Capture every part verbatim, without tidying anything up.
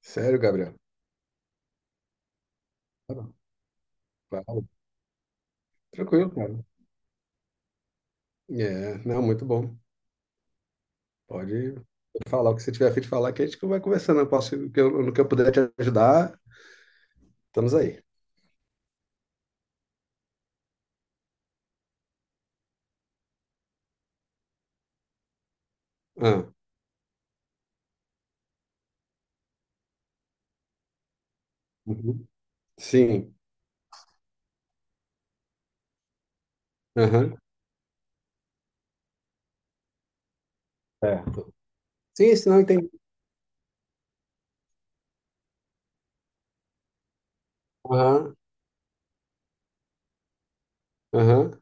Sério, Gabriel? Claro, claro. Tranquilo, cara. É, não, muito bom. Pode falar o que você tiver a fim de falar, que a gente vai conversando. Eu posso, o que eu, no que eu puder te ajudar, estamos aí. Ah, uhum. Sim. Aham. Certo. Sim, se não entendi. Aham. Aham.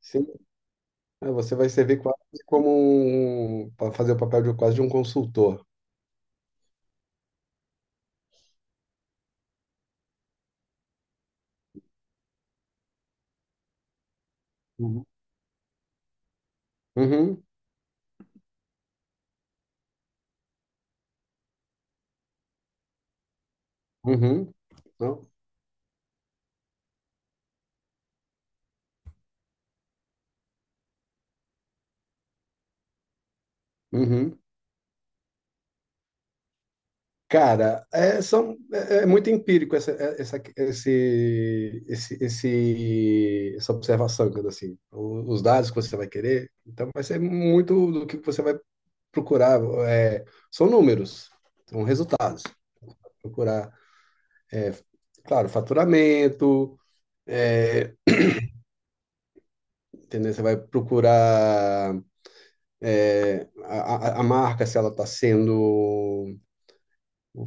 Sim. É, você vai servir quase como um, para fazer o papel de quase de um consultor. Uhum. Uhum. Uhum. Não? Uhum. Cara, é, são, é, é muito empírico essa, é- essa, esse, esse, esse, essa observação, digamos assim. O- Os dados que você vai querer, então vai ser muito do que você vai procurar. É, são números, são resultados. Procurar, é, claro, faturamento, é, entendeu? Você vai procurar a, a, a marca, se ela está sendo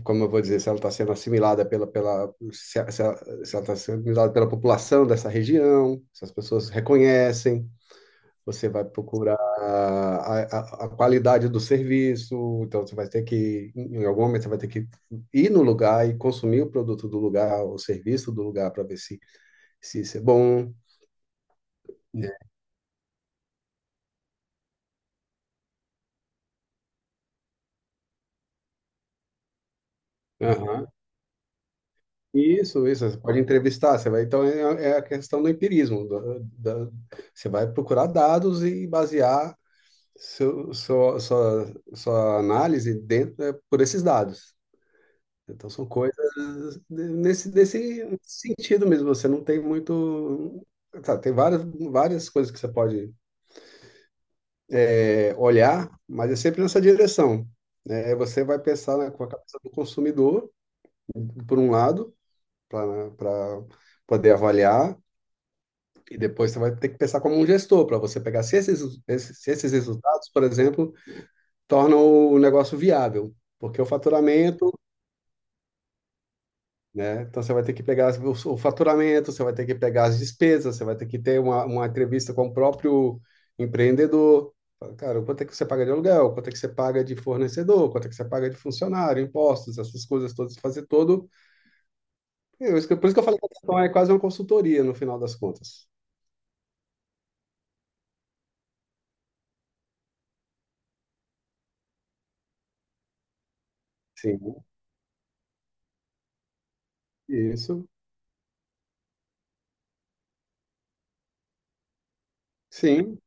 como eu vou dizer, se ela está sendo assimilada pela, pela se, se ela está sendo assimilada pela população dessa região, se as pessoas reconhecem, você vai procurar a, a, a qualidade do serviço, então você vai ter que, em algum momento, você vai ter que ir no lugar e consumir o produto do lugar, o serviço do lugar, para ver se, se isso é bom. É. Aham. Isso, isso, você pode entrevistar, você vai, então é, é a questão do empirismo, da- da- você vai procurar dados e basear seu, sua, sua, sua análise dentro é por esses dados. Então, são coisas de- nesse, desse sentido mesmo. Você não tem muito. Tá, tem várias, várias coisas que você pode, é, olhar, mas é sempre nessa direção. Né? Você vai pensar, né, com a cabeça do consumidor, por um lado, para poder avaliar, e depois você vai ter que pensar como um gestor, para você pegar se esses, esses, se esses resultados, por exemplo, torna o negócio viável, porque o faturamento, né? Então você vai ter que pegar as- o o faturamento, você vai ter que pegar as despesas, você vai ter que ter uma, uma entrevista com o próprio empreendedor. Fala, cara, quanto é que você paga de aluguel? Quanto é que você paga de fornecedor? Quanto é que você paga de funcionário? Impostos, essas coisas todas, fazer todo. É, isso, por isso que eu falei que a questão é quase uma consultoria no final das contas. Sim, isso. Sim,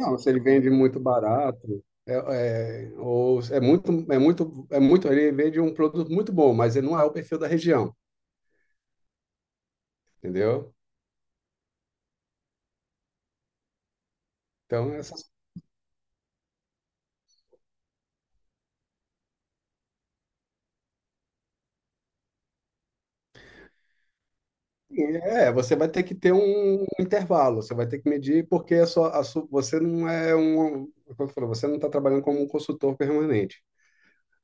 não, se ele vende muito barato, é, é, ou é muito, é muito, é muito, ele vende um produto muito bom, mas ele não é o perfil da região, entendeu? Então, essas, é, você vai ter que ter um intervalo, você vai ter que medir, porque a sua, a sua, você não é um, como eu falo, você não está trabalhando como um consultor permanente.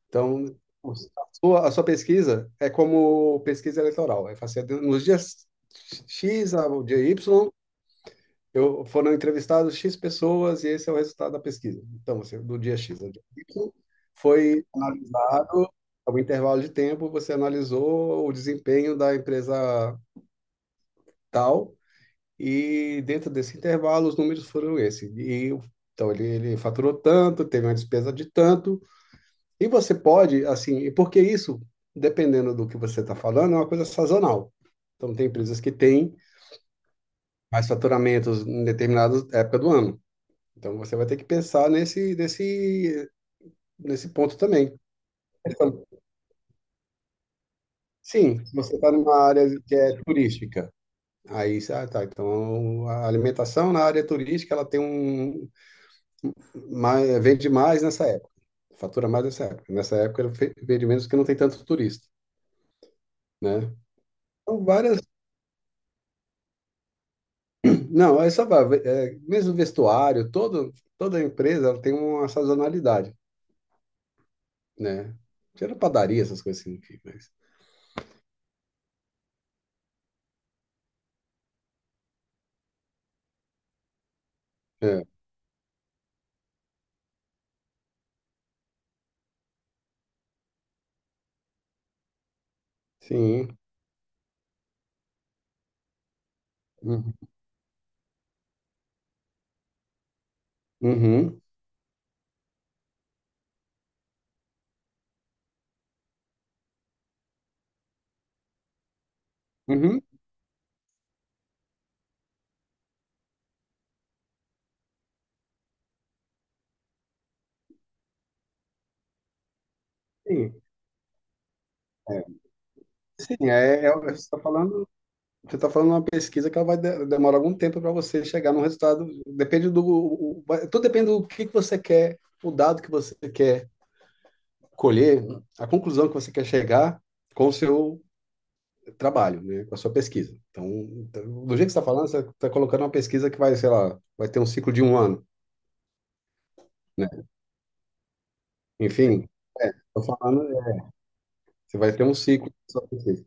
Então, a sua, a sua pesquisa é como pesquisa eleitoral, é fazer nos dias X ao dia Y. Eu, foram entrevistados X pessoas e esse é o resultado da pesquisa. Então, você, do dia X ao dia Y, foi analisado, a um intervalo de tempo, você analisou o desempenho da empresa tal, e dentro desse intervalo, os números foram esse. E então, ele, ele faturou tanto, teve uma despesa de tanto, e você pode, assim, e porque isso, dependendo do que você está falando, é uma coisa sazonal. Então, tem empresas que têm mais faturamentos em determinada época do ano. Então você vai ter que pensar nesse, nesse, nesse ponto também. Então, sim, se você está numa área que é turística, aí, ah, tá. Então a alimentação na área turística ela tem um mais, vende mais nessa época, fatura mais nessa época. Nessa época ela fe- vende menos porque não tem tanto turista, né? Então várias, não, é só vai- é, mesmo vestuário, todo, toda empresa ela tem uma sazonalidade, né? Tira padaria essas coisas assim, enfim, mas é, sim. Uhum. Uhum. Uhum. Sim, é, sim, é, é- você está falando, você tá falando uma pesquisa que ela vai de- demorar algum tempo para você chegar num resultado. Depende do, o- o- vai- tudo depende do que que você quer, o dado que você quer colher, a conclusão que você quer chegar com o seu trabalho, né, com a sua pesquisa. Então, então, do jeito que você está falando, você está colocando uma pesquisa que vai, sei lá, vai ter um ciclo de um ano, né? Enfim, estou falando, é, você vai ter um ciclo da sua pesquisa,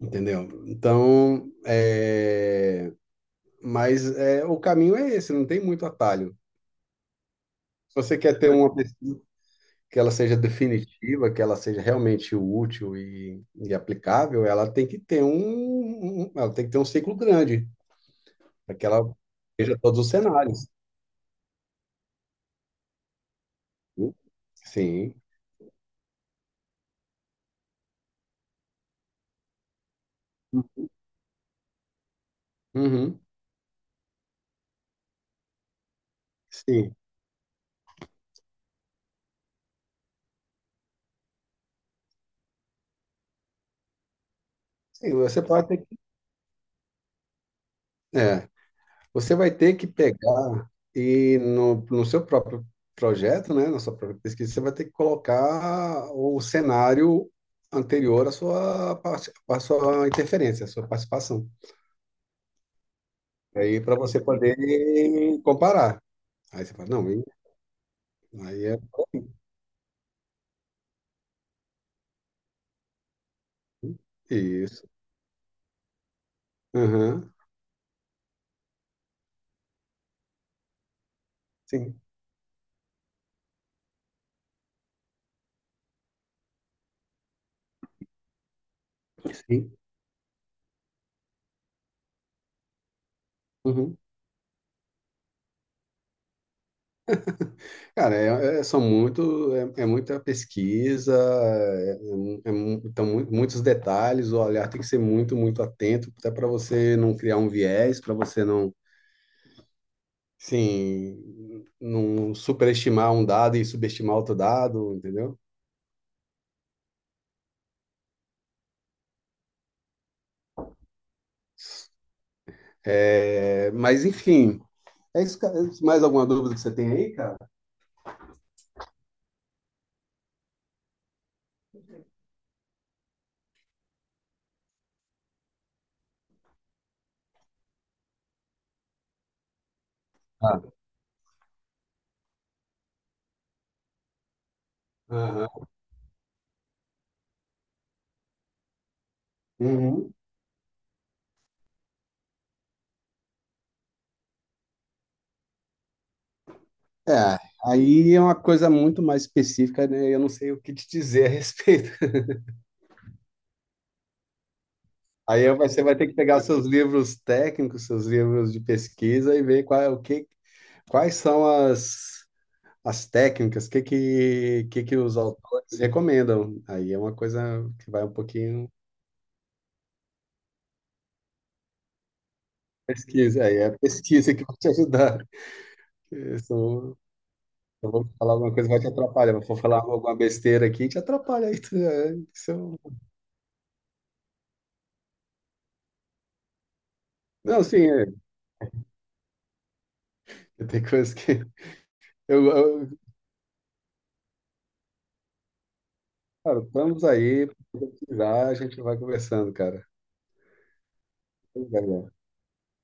entendeu? Então, é, mas é, o caminho é esse, não tem muito atalho. Se você quer ter uma pesquisa que ela seja definitiva, que ela seja realmente útil e, e aplicável, ela tem que ter um, um- ela tem que ter um ciclo grande, para que ela veja todos os cenários. Né? Sim. Uhum. Sim. Sim, você pode ter que. É. Você vai ter que pegar e no, no seu próprio projeto, né, na sua própria pesquisa, você vai ter que colocar o cenário anterior à sua, parte- à sua interferência, à sua participação. Aí para você poder comparar. Aí você fala, não, e- aí é isso. Aham, sim, sim. Uhum. Cara, é, é- são muito, é, é muita pesquisa, é, é, é mu- então, mu- muitos detalhes, o olhar tem que ser muito, muito atento, até para você não criar um viés, para você não, sim, não superestimar um dado e subestimar outro dado, entendeu? É, mas, enfim, é isso, cara. Mais alguma dúvida que você tem aí, cara? Ah, aham. Uhum. É, aí é uma coisa muito mais específica, né? Eu não sei o que te dizer a respeito. Aí você vai ter que pegar seus livros técnicos, seus livros de pesquisa e ver qual, é o que, quais são as, as técnicas, o que, que, que, que os autores recomendam. Aí é uma coisa que vai um pouquinho pesquisa, aí é a pesquisa que vai te ajudar. Se eu sou- eu vou falar alguma coisa, que vai te atrapalhar. Eu vou falar alguma besteira aqui, e te atrapalha aí. tu- é, isso eu- Não, sim, é, tem coisas que. Eu, eu- cara, estamos aí, precisar, a gente vai conversando, cara.